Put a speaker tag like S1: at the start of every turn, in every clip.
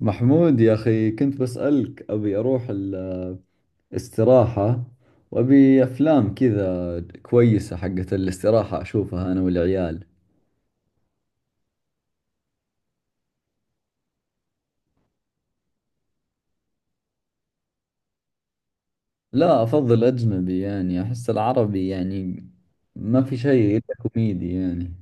S1: محمود يا أخي، كنت بسألك أبي أروح الاستراحة، وأبي أفلام كذا كويسة حقت الاستراحة أشوفها أنا والعيال. لا، أفضل أجنبي، يعني أحس العربي يعني ما في شيء إلا كوميدي يعني.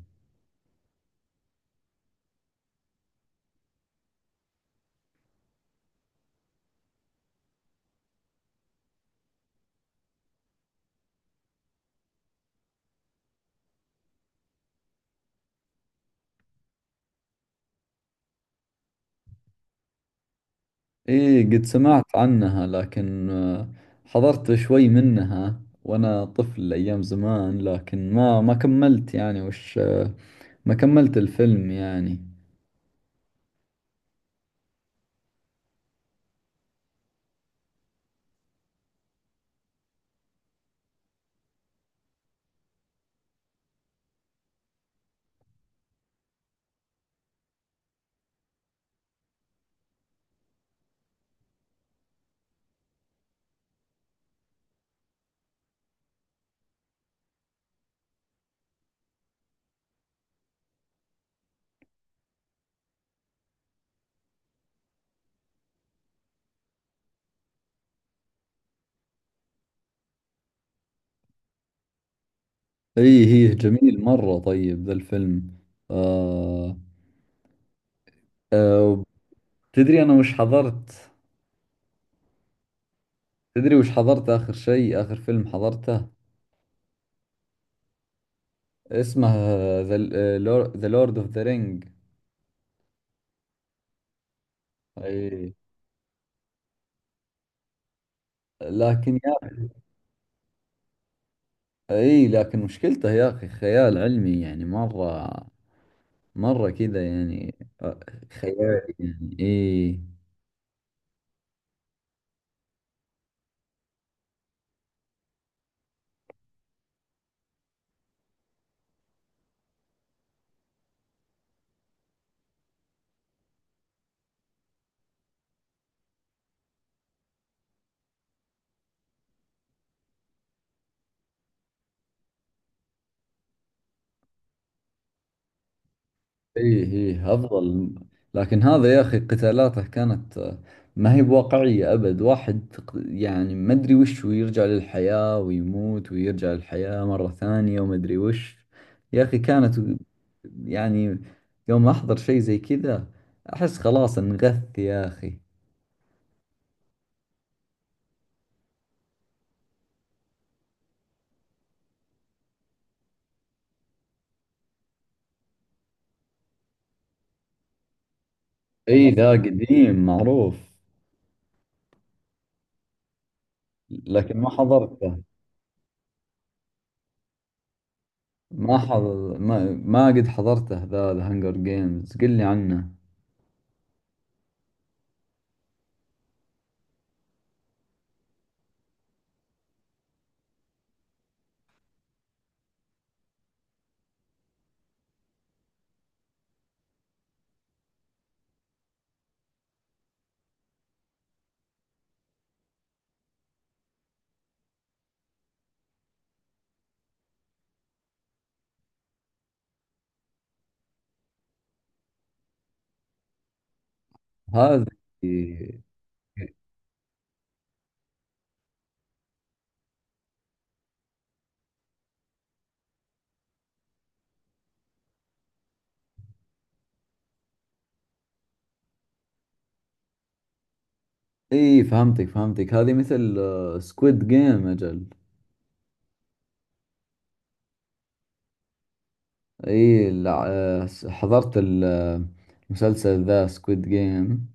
S1: إيه قد سمعت عنها، لكن حضرت شوي منها وأنا طفل أيام زمان، لكن ما كملت يعني وش ما كملت الفيلم يعني. اي هي جميل مرة، طيب ذا الفيلم. آه. آه. تدري انا وش حضرت؟ تدري وش حضرت اخر شيء؟ اخر فيلم حضرته اسمه ذا لورد اوف ذا رينج. اي لكن يا، اي لكن مشكلته يا اخي خيال علمي يعني مرة، مرة كذا يعني. آه، خيالي يعني اي. ايه ايه افضل. لكن هذا يا اخي قتالاته كانت، آه، ما هي بواقعية ابد، واحد يعني ما ادري وش، ويرجع للحياة ويموت ويرجع للحياة مرة ثانية وما ادري وش. يا اخي كانت يعني، يوم احضر شيء زي كذا احس خلاص انغث يا اخي. اي ذا قديم معروف. لكن ما حضرته، ما قد حضرته ذا، ذا هانجر جيمز، قل لي عنه. هذا. إيه، اي فهمتك فهمتك، هذه مثل سكويد جيم اجل. اي حضرت المسلسل ذا سكويد جيم.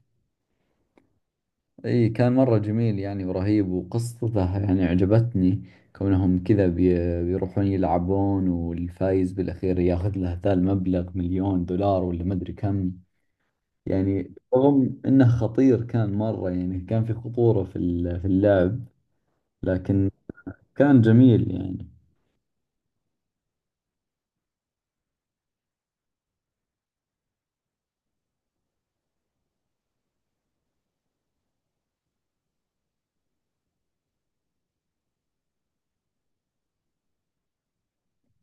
S1: اي كان مرة جميل يعني ورهيب، وقصته يعني عجبتني، كونهم كذا بيروحون يلعبون والفايز بالاخير ياخذ له ذا المبلغ مليون دولار ولا مدري كم. يعني رغم انه خطير كان مرة، يعني كان في خطورة في في اللعب، لكن كان جميل يعني.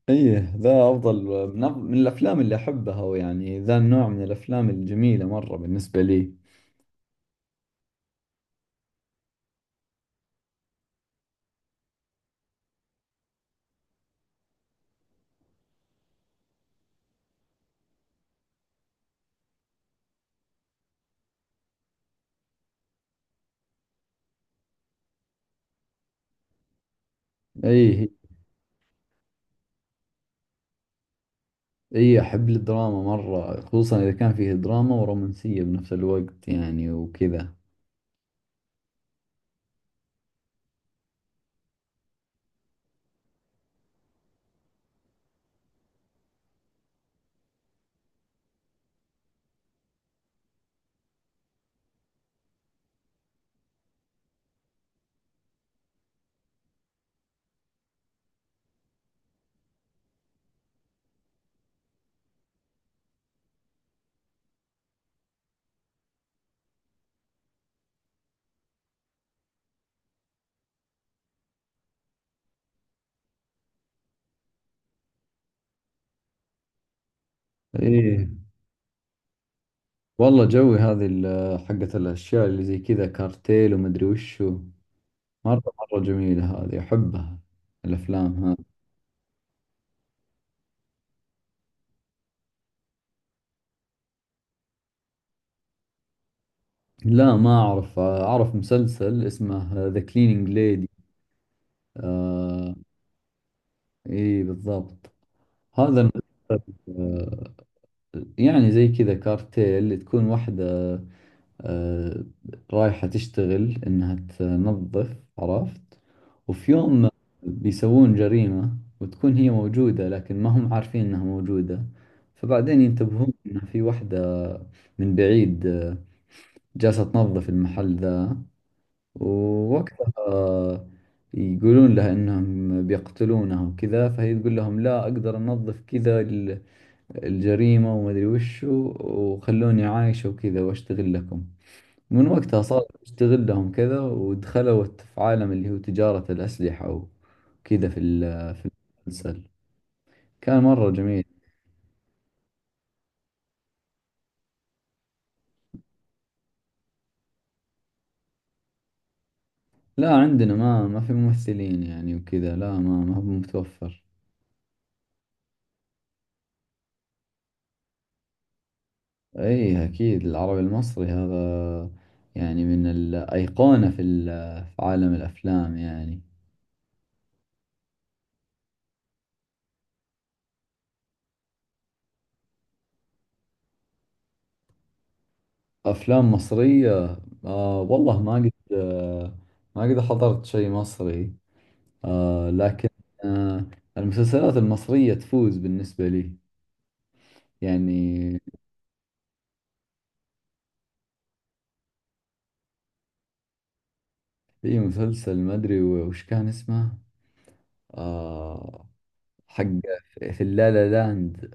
S1: ايه ذا افضل من الافلام اللي احبها، ويعني ذا النوع من الافلام الجميلة مرة بالنسبة لي. ايه ايه احب الدراما مرة، خصوصا اذا كان فيه دراما ورومانسية بنفس الوقت يعني وكذا. ايه والله جوي هذه حقة، الاشياء اللي زي كذا كارتيل ومدري وشو، مرة مرة جميلة هذه، احبها الافلام هذه. لا ما اعرف، اعرف مسلسل اسمه ذا كلينينج ليدي. آه. ايه بالضبط، هذا المسلسل. يعني زي كذا كارتيل، اللي تكون واحدة آه، رايحة تشتغل إنها تنظف، عرفت؟ وفي يوم بيسوون جريمة وتكون هي موجودة لكن ما هم عارفين إنها موجودة. فبعدين ينتبهون إن في واحدة من بعيد جالسة تنظف المحل ذا. ووقتها يقولون لها إنهم بيقتلونها وكذا، فهي تقول لهم لا، أقدر أنظف كذا الجريمة وما أدري وشو، وخلوني عايشة وكذا وأشتغل لكم. من وقتها صار أشتغل لهم كذا، ودخلوا في عالم اللي هو تجارة الأسلحة وكذا في في المسلسل. كان مرة جميل. لا عندنا ما في ممثلين يعني وكذا، لا ما هو متوفر. أي أكيد العربي المصري هذا يعني من الأيقونة في في عالم الأفلام يعني. أفلام مصرية، آه والله ما قد آه، ما قد حضرت شيء مصري آه، لكن آه، المسلسلات المصرية تفوز بالنسبة لي يعني. في مسلسل ما أدري وش كان اسمه، آه، حق في اللالا لاند،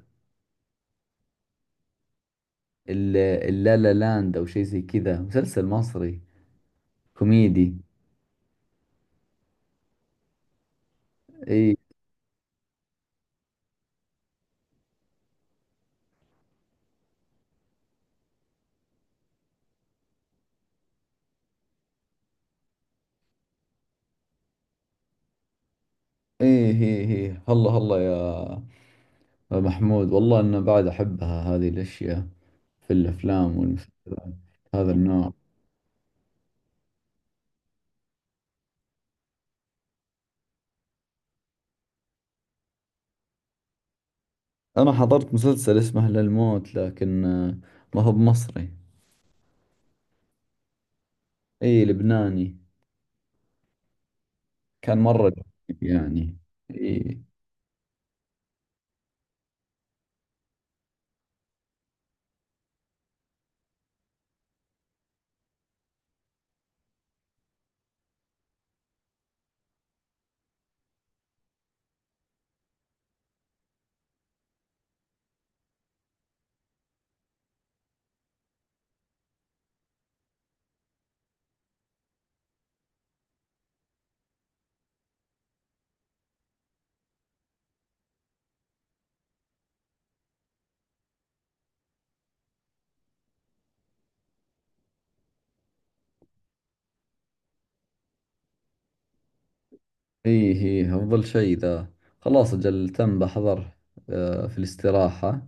S1: اللالا لاند أو شيء زي كذا، مسلسل مصري كوميدي. إي. إي هي هلا هلا يا محمود، والله أنا بعد أحبها هذه الأشياء في الأفلام والمسلسلات، هذا النوع. أنا حضرت مسلسل اسمه للموت، لكن ما هو بمصري. إي لبناني، كان مرة جميل يعني. إي. إي هي أفضل شيء ذا، خلاص أجل تم بحضر في الاستراحة.